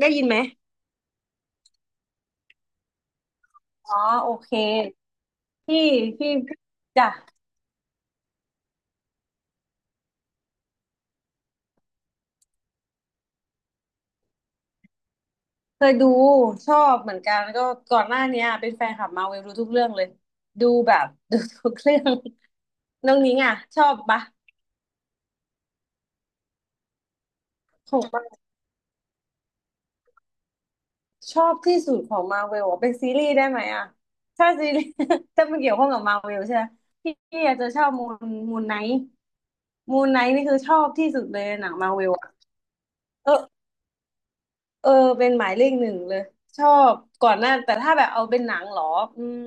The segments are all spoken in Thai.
ได้ยินไหมอ๋อโอเค พี่พี่จ้ะเคยดูชอบเหมือนกันแล้วก็ก่อนหน้าเนี้ยเป็นแฟนคลับมาเวลรู้ทุกเรื่องเลย ดูแบบ ดูทุกเรื่องน้องนิ้งอ่ะชอบปะของมาชอบที่สุดของมาเวลอเป็นซีรีส์ได้ไหมอ่ะถ้าซีรีส์ ถ้ามันเกี่ยวข้องกับมาเวลใช่ไหม พี่อาจจะชอบมูนไนท์มูนไนท์นี่คือชอบที่สุดเลยหนังมาเวลอ่ะเออ เออเป็นหมายเลขหนึ่งเลยชอบก่อนหน้าแต่ถ้าแบบเอาเป็นหนังเหรออืม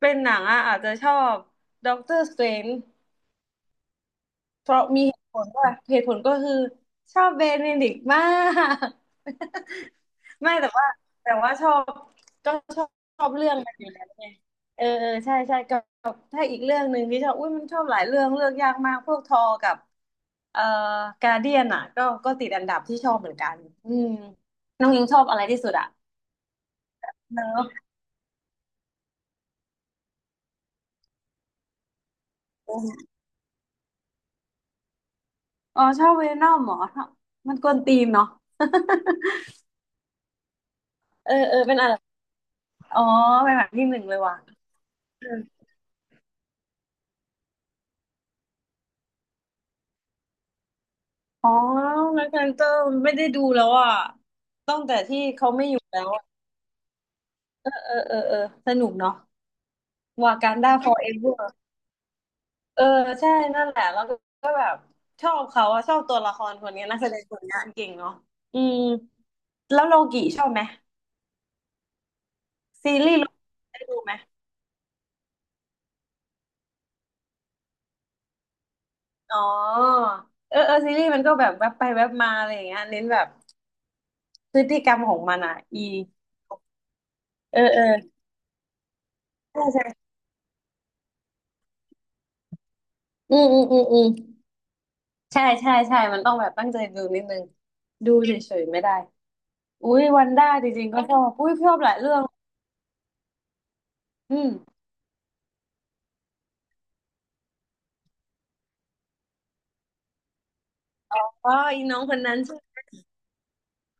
เป็นหนังอ่ะอาจจะชอบด็อกเตอร์สเตรน เพราะมีเหตุผลว่าเหตุผลก็คือชอบเบเนดิกต์มาก ไม่แต่ว่าแต่ว่าชอบก็ชอบชอบเรื่องมันอยู่แล้วไงเออเออใช่ใช่ก็ถ้าอีกเรื่องหนึ่งที่ชอบอุ้ยมันชอบหลายเรื่องเลือกยากมากพวกทอกับเอ่อการเดียนอ่ะก็ติดอันดับที่ชอบเหมือนกันอืมน้องยิงชอบอะไรที่สุดอ่ะเนอะอ๋อชอบเวนอมเหรอมันกวนตีนเนาะ เออเออเป็นอะไรอ๋อเป็นแบบที่หนึ่งเลยว่ะ อ๋อแบ็คแพนเตอร์ไม่ได้ดูแล้วอ่ะตั้งแต่ที่เขาไม่อยู่แล้วอะเออเออเออสนุกเนาะวากันดาฟอร์เอเวร์เออใช่นั่นแหละ แล้วก็ก็แบบชอบเขาอะชอบตัวละครคนนี้นักแสดงคนนี้เก่งเนาะอืมแล้วโลกิชอบไหมซีรีส์โลกิได้ดูไหมอ๋อเออเออซีรีส์มันก็แบบแวบไปแวบมาอะไรอย่างเงี้ยเน้นแบบพฤติกรรมของมันอ่ะอีเออเออใช่ใช่อืมอืมอืมอืม ใช่ใช่ใช่มันต้องแบบตั้งใจดูนิดนึงดูเฉยๆไม่ได้อุ้ยวันด้าจริงๆก็ชอบอุ้ยชอบหลายเรื่องอืมอ๋ออีน้องคนนั้นชื่อ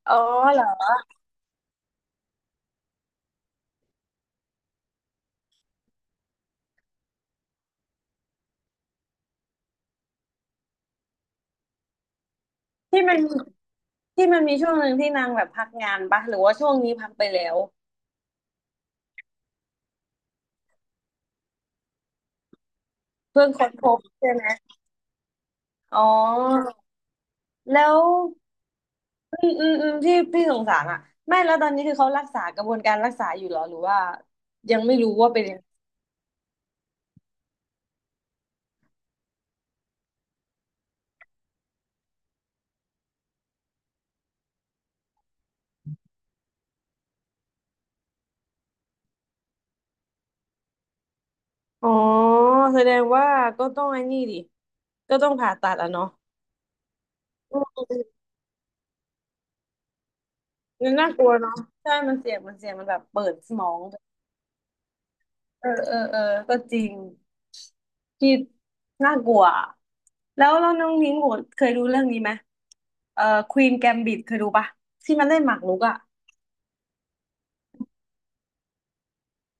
อ๋อเหรอที่มันที่มันมีช่วงหนึ่งที่นางแบบพักงานปะหรือว่าช่วงนี้พักไปแล้วเพิ่งค้นพบใช่ไหมอ๋อแล้วอืมอืมอืมที่พี่สงสารอ่ะไม่แล้วตอนนี้คือเขารักษากระบวนการรักษาอยู่เหรอหรือว่ายังไม่รู้ว่าเป็นยังไงอ๋อแสดงว่าก็ต้องไอ้นี่ดิ ก็ต้องผ่าตัดอ่ะเนาะ มันน่ากลัวเนาะใช่มันเสี่ยงมันเสี่ยงมันแบบเปิดสมองเออเออเออก็จริงที่น่ากลัวแล้วน้องนิ้งโหดเคยดูเรื่องนี้ไหมเอ่อควีนแกมบิดเคยดูปะที่มันเล่นหมากรุกอ่ะ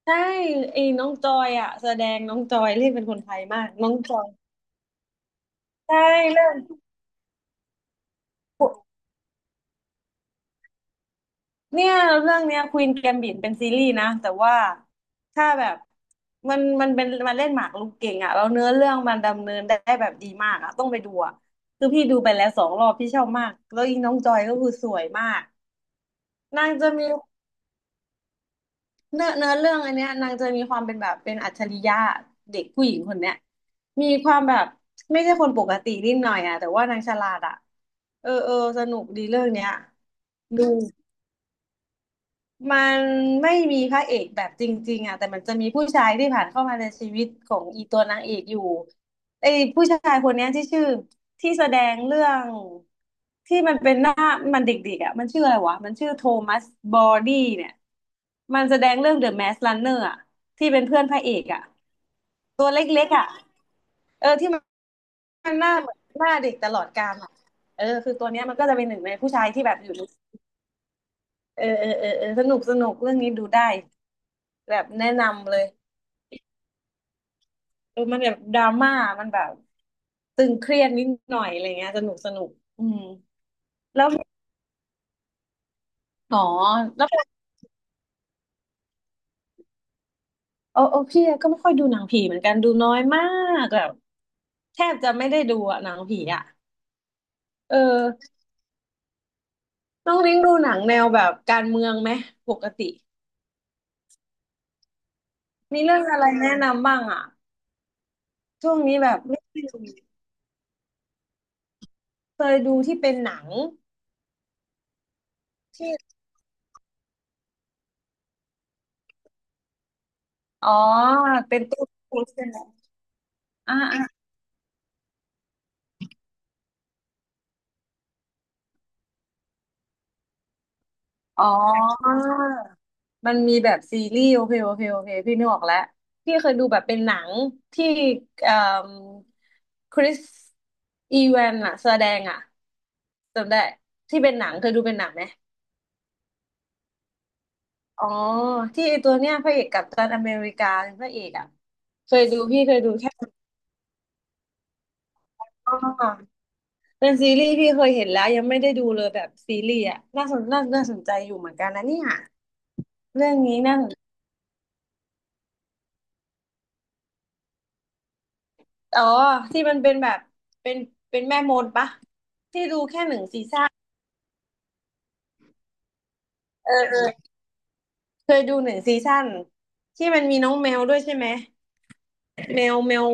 ใช่ไอ้น้องจอยอ่ะแสดงน้องจอยเล่นเป็นคนไทยมากน้องจอยใช่เรื่อง เนี่ยเรื่องเนี้ยควีนแกมบิทเป็นซีรีส์นะแต่ว่าถ้าแบบมันเป็นมันเล่นหมากรุกเก่งอ่ะแล้วเนื้อเรื่องมันดำเนินได้แบบดีมากอ่ะต้องไปดูอ่ะคือพี่ดูไปแล้วสองรอบพี่ชอบมากแล้วอีน้องจอยก็คือสวยมากนางจะมีเนื้อเรื่องอันเนี้ยนางจะมีความเป็นแบบเป็นอัจฉริยะเด็กผู้หญิงคนเนี้ยมีความแบบไม่ใช่คนปกตินิดหน่อยอ่ะแต่ว่านางฉลาดอ่ะเออเออสนุกดีเรื่องเนี้ยดู มันไม่มีพระเอกแบบจริงๆอ่ะแต่มันจะมีผู้ชายที่ผ่านเข้ามาในชีวิตของอีตัวนางเอกอยู่ไอ้ผู้ชายคนเนี้ยที่ชื่อที่แสดงเรื่องที่มันเป็นหน้ามันเด็กๆอ่ะมันชื่ออะไรวะมันชื่อโทมัสบอดี้เนี่ยมันแสดงเรื่อง The Masked Runner อ่ะที่เป็นเพื่อนพระเอกอ่ะตัวเล็กๆอ่ะเออที่มันหน้าเหมือนหน้าเด็กตลอดกาลอ่ะเออคือตัวเนี้ยมันก็จะเป็นหนึ่งในผู้ชายที่แบบอยู่ในเออเออเออเออสนุกสนุกเรื่องนี้ดูได้ แบบแนะนำเลยเออมันแบบดราม่ามันแบบตึงเครียดนิดหน่อยอะไรเงี้ยสนุกสนุกอืมแล้วอ๋อแล้วโอ้โอ้พี่ก็ไม่ค่อยดูหนังผีเหมือนกันดูน้อยมากแบบแทบจะไม่ได้ดูอะหนังผีอะเออน้องลิงดูหนังแนวแบบการเมืองไหมปกติมีเรื่องอะไรแนะนำบ้างอะช่วงนี้แบบไม่ได้ดูเคยดูที่เป็นหนังที่อ๋อเป็นตู้ใช่ไหมอ่า อ๋อมันมีแบบซีรีส์โอเคพี่นึกออกแล้วพี่เคยดูแบบเป็นหนังที่เอ่มคริสอีแวนอะแสดงอะจำได้ที่เป็นหนังเคยดูเป็นหนังไหมอ๋อที่ไอตัวเนี้ยพระเอกกัปตันอเมริกาเป็นพระเอกอะเคยดูพี่เคยดูแค่อ๋อเป็นซีรีส์พี่เคยเห็นแล้วยังไม่ได้ดูเลยแบบซีรีส์อะน่าสนใจอยู่เหมือนกันนะเนี่ยเรื่องนี้น่า อ๋อที่มันเป็นแบบเป็นเป็นแม่มดปะที่ดูแค่หนึ่งซีซั่นเออเคยดูหนึ่งซีซั่นที่มันมีน้องแมวด้วยใช่ไหมแมว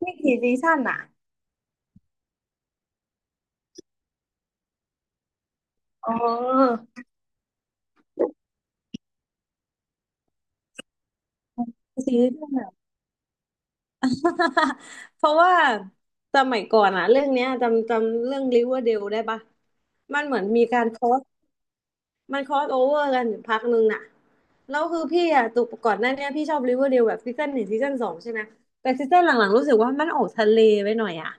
ไม่กี่ซีซั่นอ่ะอ๋อซีซั่นอะ เพราะว่าสมัยก่อนอ่ะเรื่องเนี้ยจำเรื่อง Riverdale ได้ปะมันเหมือนมีการคอส มันค r อสโอเวอร์กันอยู่พักหนึ่งน่ะแล้วคือพี่อะตกก่อนหน้าเนี้ยพี่ชอบริเวอร์เดลแบบซีซั่น 1 ซีซั่น 2ใช่ไหมแต่ซีซั่นหลังๆรู้สึกว่ามันออกทะเลไปหน่อยอะ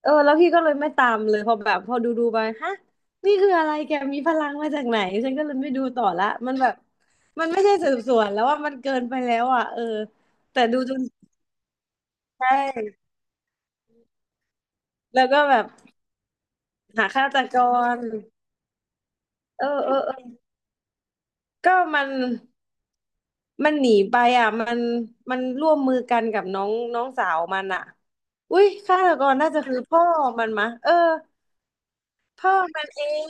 เออแล้วพี่ก็เลยไม่ตามเลยพอแบบพอดูไปฮะนี่คืออะไรแกมีพลังมาจากไหนฉันก็เลยไม่ดูต่อละมันแบบมันไม่ใช่สืบสวนแล้วว่ามันเกินไปแล้วอ่ะเออแต่ดูจนใช่แล้วก็แบบหาฆาตกรเออก็มัน มันหนีไปอ่ะมันมันร่วมมือกันกับน้องน้องสาวมันอ่ะอุ้ยฆาตกรน่าจะคือพ่อมันมะเออพ่อมันเอง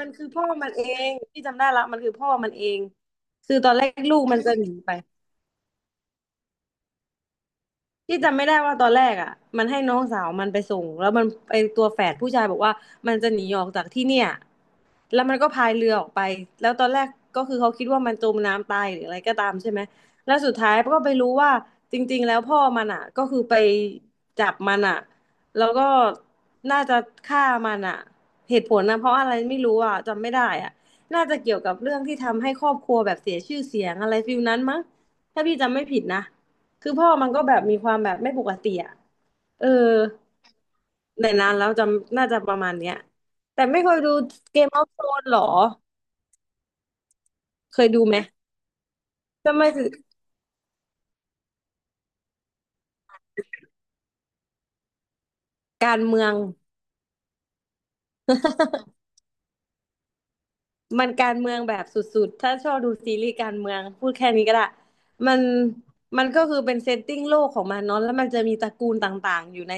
มันคือพ่อมันเองที่จำได้ละมันคือพ่อมันเองคือตอนแรกลูกมันจะหนีไป ที่จำไม่ได้ว่าตอนแรกอ่ะมันให้น้องสาวมันไปส่งแล้วมันไอตัวแฝดผู้ชายบอกว่ามันจะหนีออกจากที่เนี่ยแล้วมันก็พายเรือออกไปแล้วตอนแรกก็คือเขาคิดว่ามันจมน้ำตายหรืออะไรก็ตามใช่ไหมแล้วสุดท้ายก็ไปรู้ว่าจริงๆแล้วพ่อมันอ่ะก็คือไปจับมันอ่ะแล้วก็น่าจะฆ่ามันอ่ะเหตุผลนะเพราะอะไรไม่รู้อ่ะจำไม่ได้อ่ะน่าจะเกี่ยวกับเรื่องที่ทำให้ครอบครัวแบบเสียชื่อเสียงอะไรฟิลนั้นมั้งถ้าพี่จำไม่ผิดนะ คือพ่อมันก็แบบมีความแบบไม่ปกติอ่ะเออแต่นานแล้วจำน่าจะประมาณเนี้ยแต่ไม่เคยดูเกมออฟโธรนหรอ เคยดูไหมทำไมถึงการเมือง มันการเมืองแบบสุดๆถ้าชอบดูซีรีส์การเมืองพูดแค่นี้ก็ได้ มันมันก็คือเป็นเซตติ้งโลกของมันเนาะแล้วมันจะมีตระกูลต่างๆอยู่ใน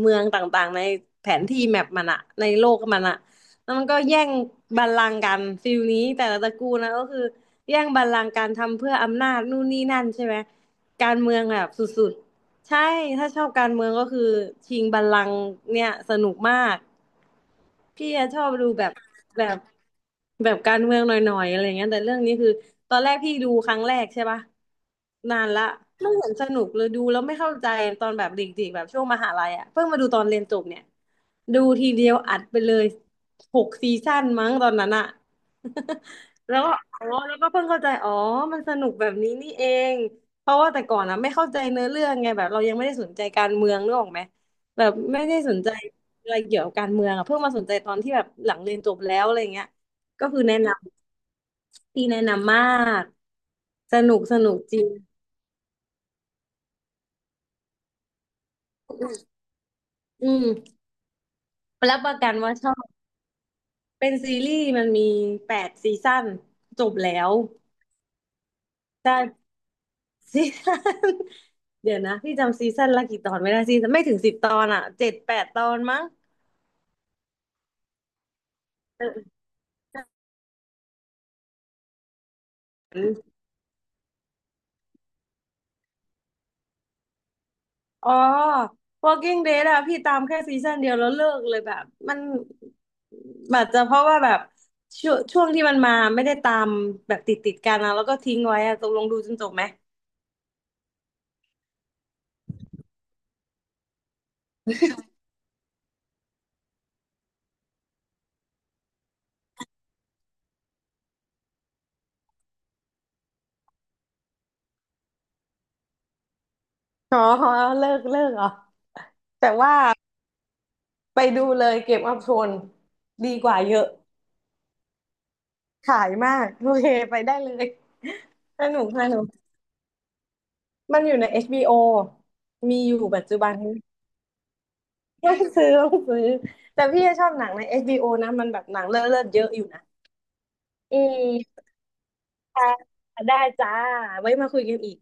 เมืองต่างๆในแผนที่แมปมันอะในโลกมันอะแล้วมันก็แย่งบัลลังก์กันฟิลนี้แต่ละตระกูลนะก็คือแย่งบัลลังก์การทำเพื่ออำนาจนู่นนี่นั่นใช่ไหมการเมืองแบบสุดๆใช่ถ้าชอบการเมืองก็คือชิงบัลลังก์เนี่ยสนุกมากพี่อะชอบดูแบบ แบบแบบการเมืองหน่อยๆอะไรเงี้ยแต่เรื่องนี้คือตอนแรกพี่ดูครั้งแรกใช่ปะนานละไม่เห็นสนุกเลยดูแล้วไม่เข้าใจตอนแบบเด็กๆแบบช่วงมหาลัยอ่ะเพิ่งมาดูตอนเรียนจบเนี่ยดูทีเดียวอัดไปเลย6 ซีซั่นมั้งตอนนั้นอ่ะ แล้วก็อ๋อแล้วก็เพิ่งเข้าใจอ๋อมันสนุกแบบนี้นี่เองเพราะว่าแต่ก่อนอ่ะไม่เข้าใจเนื้อเรื่องไงแบบเรายังไม่ได้สนใจการเมืองนึกออกไหมแบบไม่ได้สนใจ อะไรเกี่ยวกับการเมืองอ่ะเพิ่งมาสนใจตอนที่แบบหลังเรียนจบแล้วอะไรเงี้ยก็คือแนะนำที่แนะนำมากสนุกสนุกจริงอืมรับประกันว่าชอบเป็นซีรีส์มันมี8 ซีซั่นจบแล้ว แต่ซีซั่น เดี๋ยวนะพี่จำซีซั่นละกี่ตอนไม่ได้ซีซั่นไม่ถึง10 ตอนอ่ะ7-8 ตอนมั้งเออ อ๋อ Walking Dead อะพี่ตามแค่ซีซั่นเดียวแล้วเลิกเลยแบบมันอาจจะเพราะว่าแบบช่วงที่มันมาไม่ได้ตามแบบติดกันนะแล้วก็ทิ้งไว้อะตกลงดูจนจบไหมอ๋อเลิกเหรอแต่ว่าไปดูเลยเกมออฟโทนดีกว่าเยอะขายมากโอเคไปได้เลยสนุกสนุกมันอยู่ใน HBO มีอยู่ปัจจุบัน นี้ต้องซื้อต้องซื้อแต่พี่ชอบหนังใน HBO นะมันแบบหนังเลิศเลิศเยอะอยู่นะ อืมค่ะได้จ้าไว้มาคุยกันอีก